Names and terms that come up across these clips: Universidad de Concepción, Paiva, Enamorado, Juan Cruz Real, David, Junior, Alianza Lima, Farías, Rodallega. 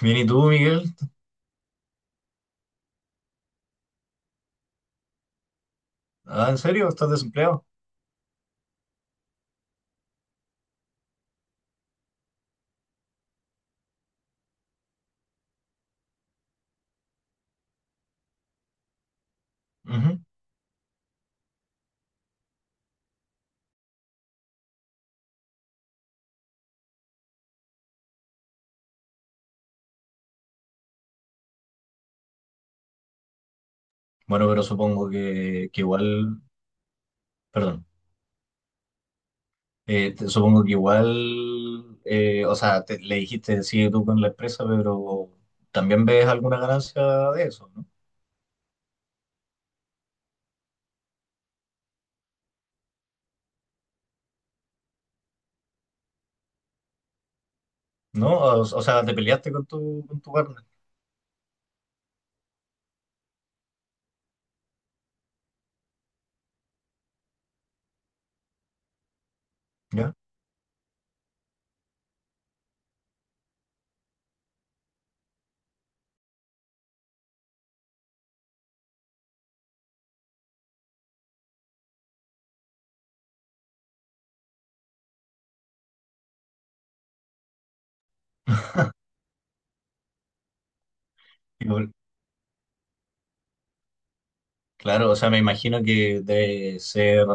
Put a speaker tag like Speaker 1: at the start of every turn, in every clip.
Speaker 1: Bien, ¿y tú, Miguel? Ah, ¿en serio? ¿Estás desempleado? Ujú. Bueno, pero supongo que igual, perdón. Supongo que igual, o sea, le dijiste, sigue tú con la empresa, pero también ves alguna ganancia de eso, ¿no? ¿No? O sea, te peleaste con tu partner, ¿ya? Claro, o sea, me imagino que debe ser,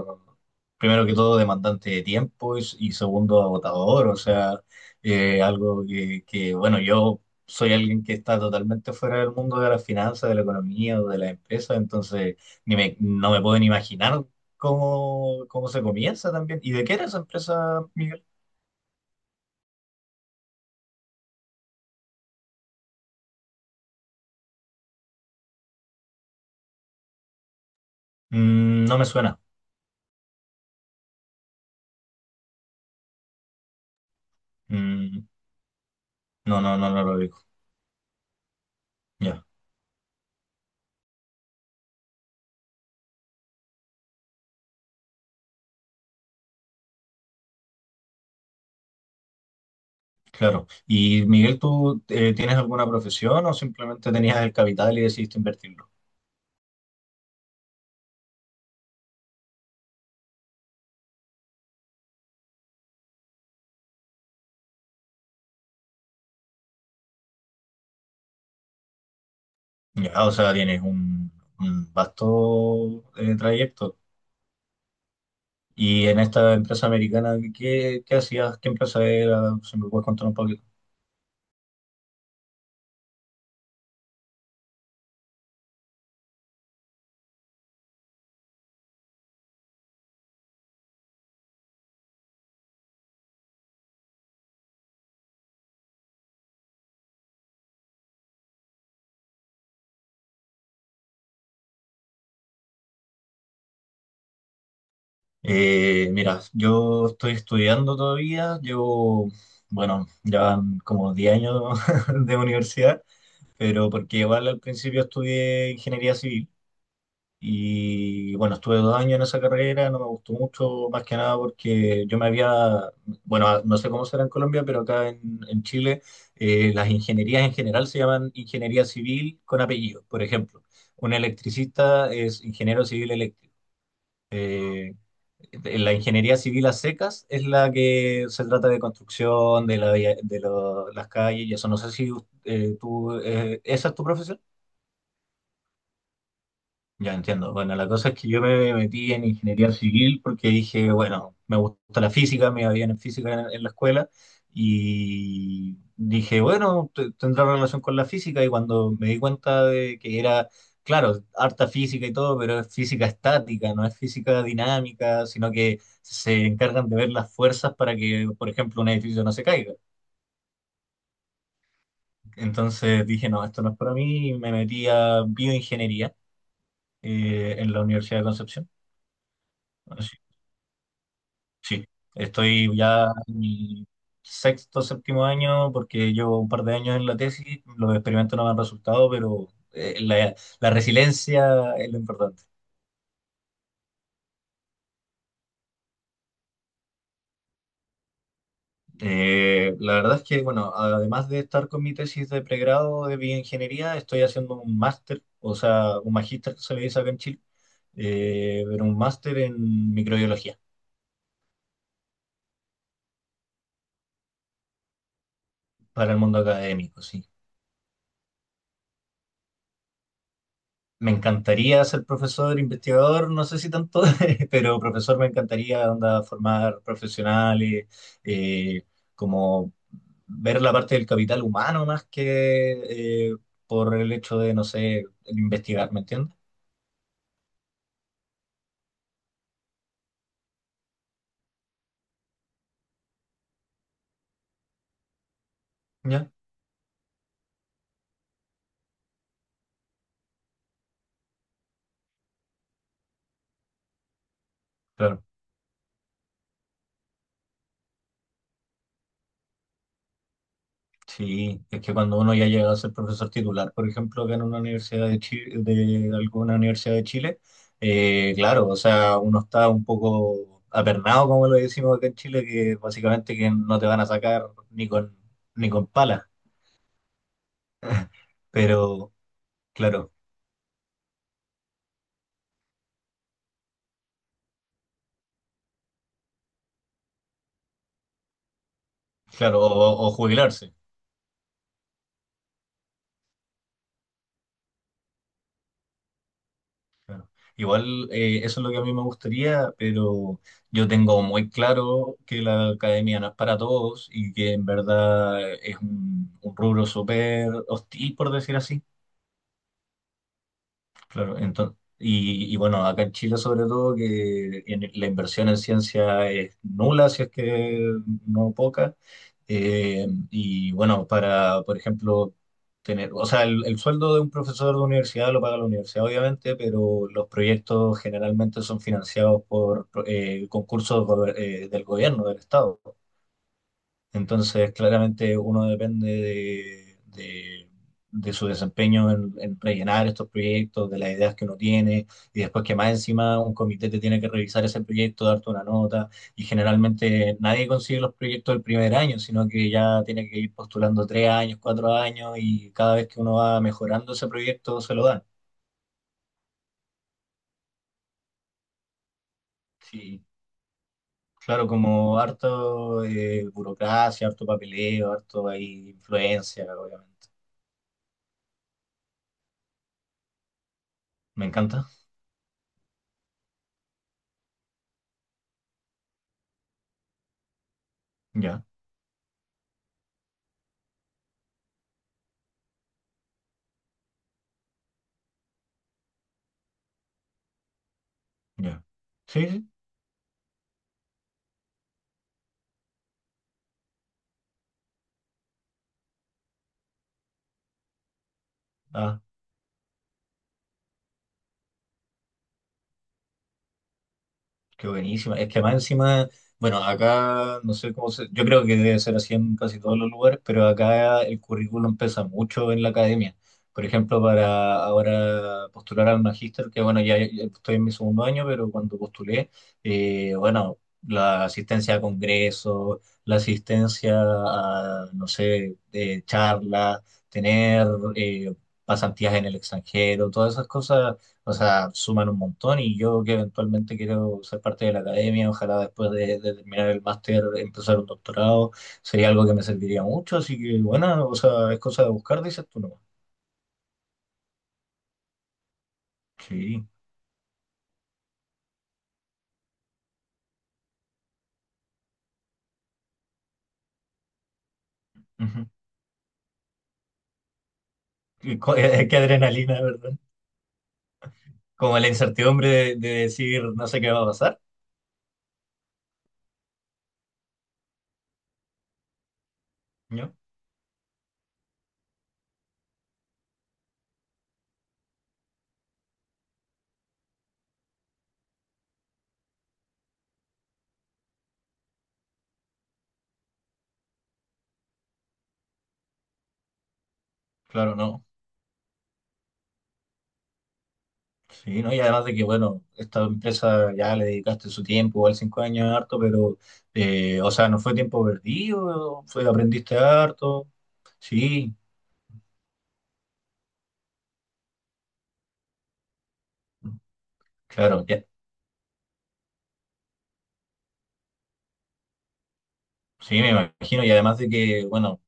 Speaker 1: primero que todo, demandante de tiempo y segundo, agotador, o sea, algo que, bueno, yo soy alguien que está totalmente fuera del mundo de las finanzas, de la economía o de la empresa, entonces ni me, no me puedo ni imaginar cómo se comienza también. ¿Y de qué era esa empresa, Miguel? Mm, no me suena. Mm, no, no, no, no lo digo. Ya. Claro. Y Miguel, ¿tú tienes alguna profesión o simplemente tenías el capital y decidiste invertirlo? Ya, o sea, tienes un vasto trayecto. Y en esta empresa americana, ¿qué hacías? ¿Qué empresa era? Si me puedes contar un poquito. Mira, yo estoy estudiando todavía, llevo, bueno, ya van como 10 años de universidad, pero porque igual al principio estudié ingeniería civil. Y bueno, estuve 2 años en esa carrera, no me gustó mucho, más que nada porque yo me había, bueno, ah, no sé cómo será en Colombia, pero acá en Chile las ingenierías en general se llaman ingeniería civil con apellido. Por ejemplo, un electricista es ingeniero civil eléctrico. La ingeniería civil a secas es la que se trata de construcción de la vía- de lo- las calles y eso. No sé si tú, ¿esa es tu profesión? Ya entiendo. Bueno, la cosa es que yo me metí en ingeniería civil porque dije, bueno, me gusta la física, me iba bien en física en la escuela y dije, bueno, tendrá relación con la física y cuando me di cuenta de que era, claro, harta física y todo, pero es física estática, no es física dinámica, sino que se encargan de ver las fuerzas para que, por ejemplo, un edificio no se caiga. Entonces dije, no, esto no es para mí y me metí a bioingeniería en la Universidad de Concepción. Bueno, sí, estoy ya en mi sexto, séptimo año, porque llevo un par de años en la tesis, los experimentos no me han resultado, pero la resiliencia es lo importante. La verdad es que, bueno, además de estar con mi tesis de pregrado de bioingeniería, estoy haciendo un máster, o sea, un magíster que se le dice acá en Chile, pero un máster en microbiología para el mundo académico, sí. Me encantaría ser profesor, investigador, no sé si tanto, pero profesor me encantaría onda, formar profesionales, eh, como ver la parte del capital humano más que por el hecho de, no sé, investigar, ¿me entiendes? ¿Ya? Claro. Sí, es que cuando uno ya llega a ser profesor titular, por ejemplo, que en una universidad de Chile, de alguna universidad de Chile, claro, o sea, uno está un poco apernado, como lo decimos acá en Chile, que básicamente que no te van a sacar ni con pala, pero claro, claro, o jubilarse. Claro. Igual eso es lo que a mí me gustaría, pero yo tengo muy claro que la academia no es para todos y que en verdad es un rubro súper hostil, por decir así. Claro, entonces, y bueno, acá en Chile sobre todo que la inversión en ciencia es nula, si es que no poca. Y bueno, para, por ejemplo, tener, o sea, el sueldo de un profesor de universidad lo paga la universidad, obviamente, pero los proyectos generalmente son financiados por concursos del gobierno, del Estado. Entonces, claramente uno depende de su desempeño en, rellenar estos proyectos, de las ideas que uno tiene, y después que más encima un comité te tiene que revisar ese proyecto, darte una nota, y generalmente nadie consigue los proyectos el primer año, sino que ya tiene que ir postulando 3 años, 4 años, y cada vez que uno va mejorando ese proyecto se lo dan. Sí, claro, como harto burocracia, harto papeleo, harto ahí influencia, obviamente. Me encanta, ya. Ya. Sí, sí. Ah, qué buenísima. Es que más encima, bueno, acá no sé cómo se, yo creo que debe ser así en casi todos los lugares, pero acá el currículum pesa mucho en la academia. Por ejemplo, para ahora postular al magíster, que bueno, ya estoy en mi segundo año, pero cuando postulé, bueno, la asistencia a congresos, la asistencia a, no sé, charlas, tener eh, pasantías en el extranjero, todas esas cosas. O sea, suman un montón y yo que eventualmente quiero ser parte de la academia, ojalá después de terminar el máster empezar un doctorado, sería algo que me serviría mucho, así que bueno, o sea, es cosa de buscar, dices tú, ¿no? Sí. Ujú. Y cu- Qué adrenalina, ¿verdad? Como la incertidumbre de decir no sé qué va a pasar, ¿no? Claro, no. Sí, ¿no? Y además de que, bueno, esta empresa ya le dedicaste su tiempo, igual 5 años es harto, pero, o sea, no fue tiempo perdido, fue, aprendiste harto, sí. Claro, sí, me imagino. Y además de que, bueno,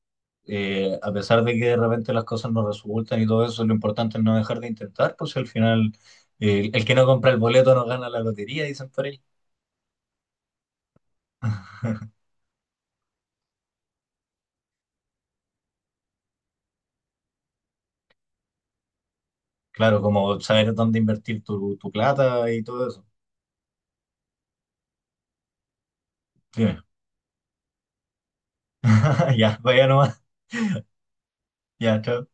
Speaker 1: a pesar de que de repente las cosas no resultan y todo eso, lo importante es no dejar de intentar, pues si al final el que no compra el boleto no gana la lotería, dicen por ahí. Claro, como saber dónde invertir tu plata y todo eso. Dime. Ya, vaya nomás. Ya, chao.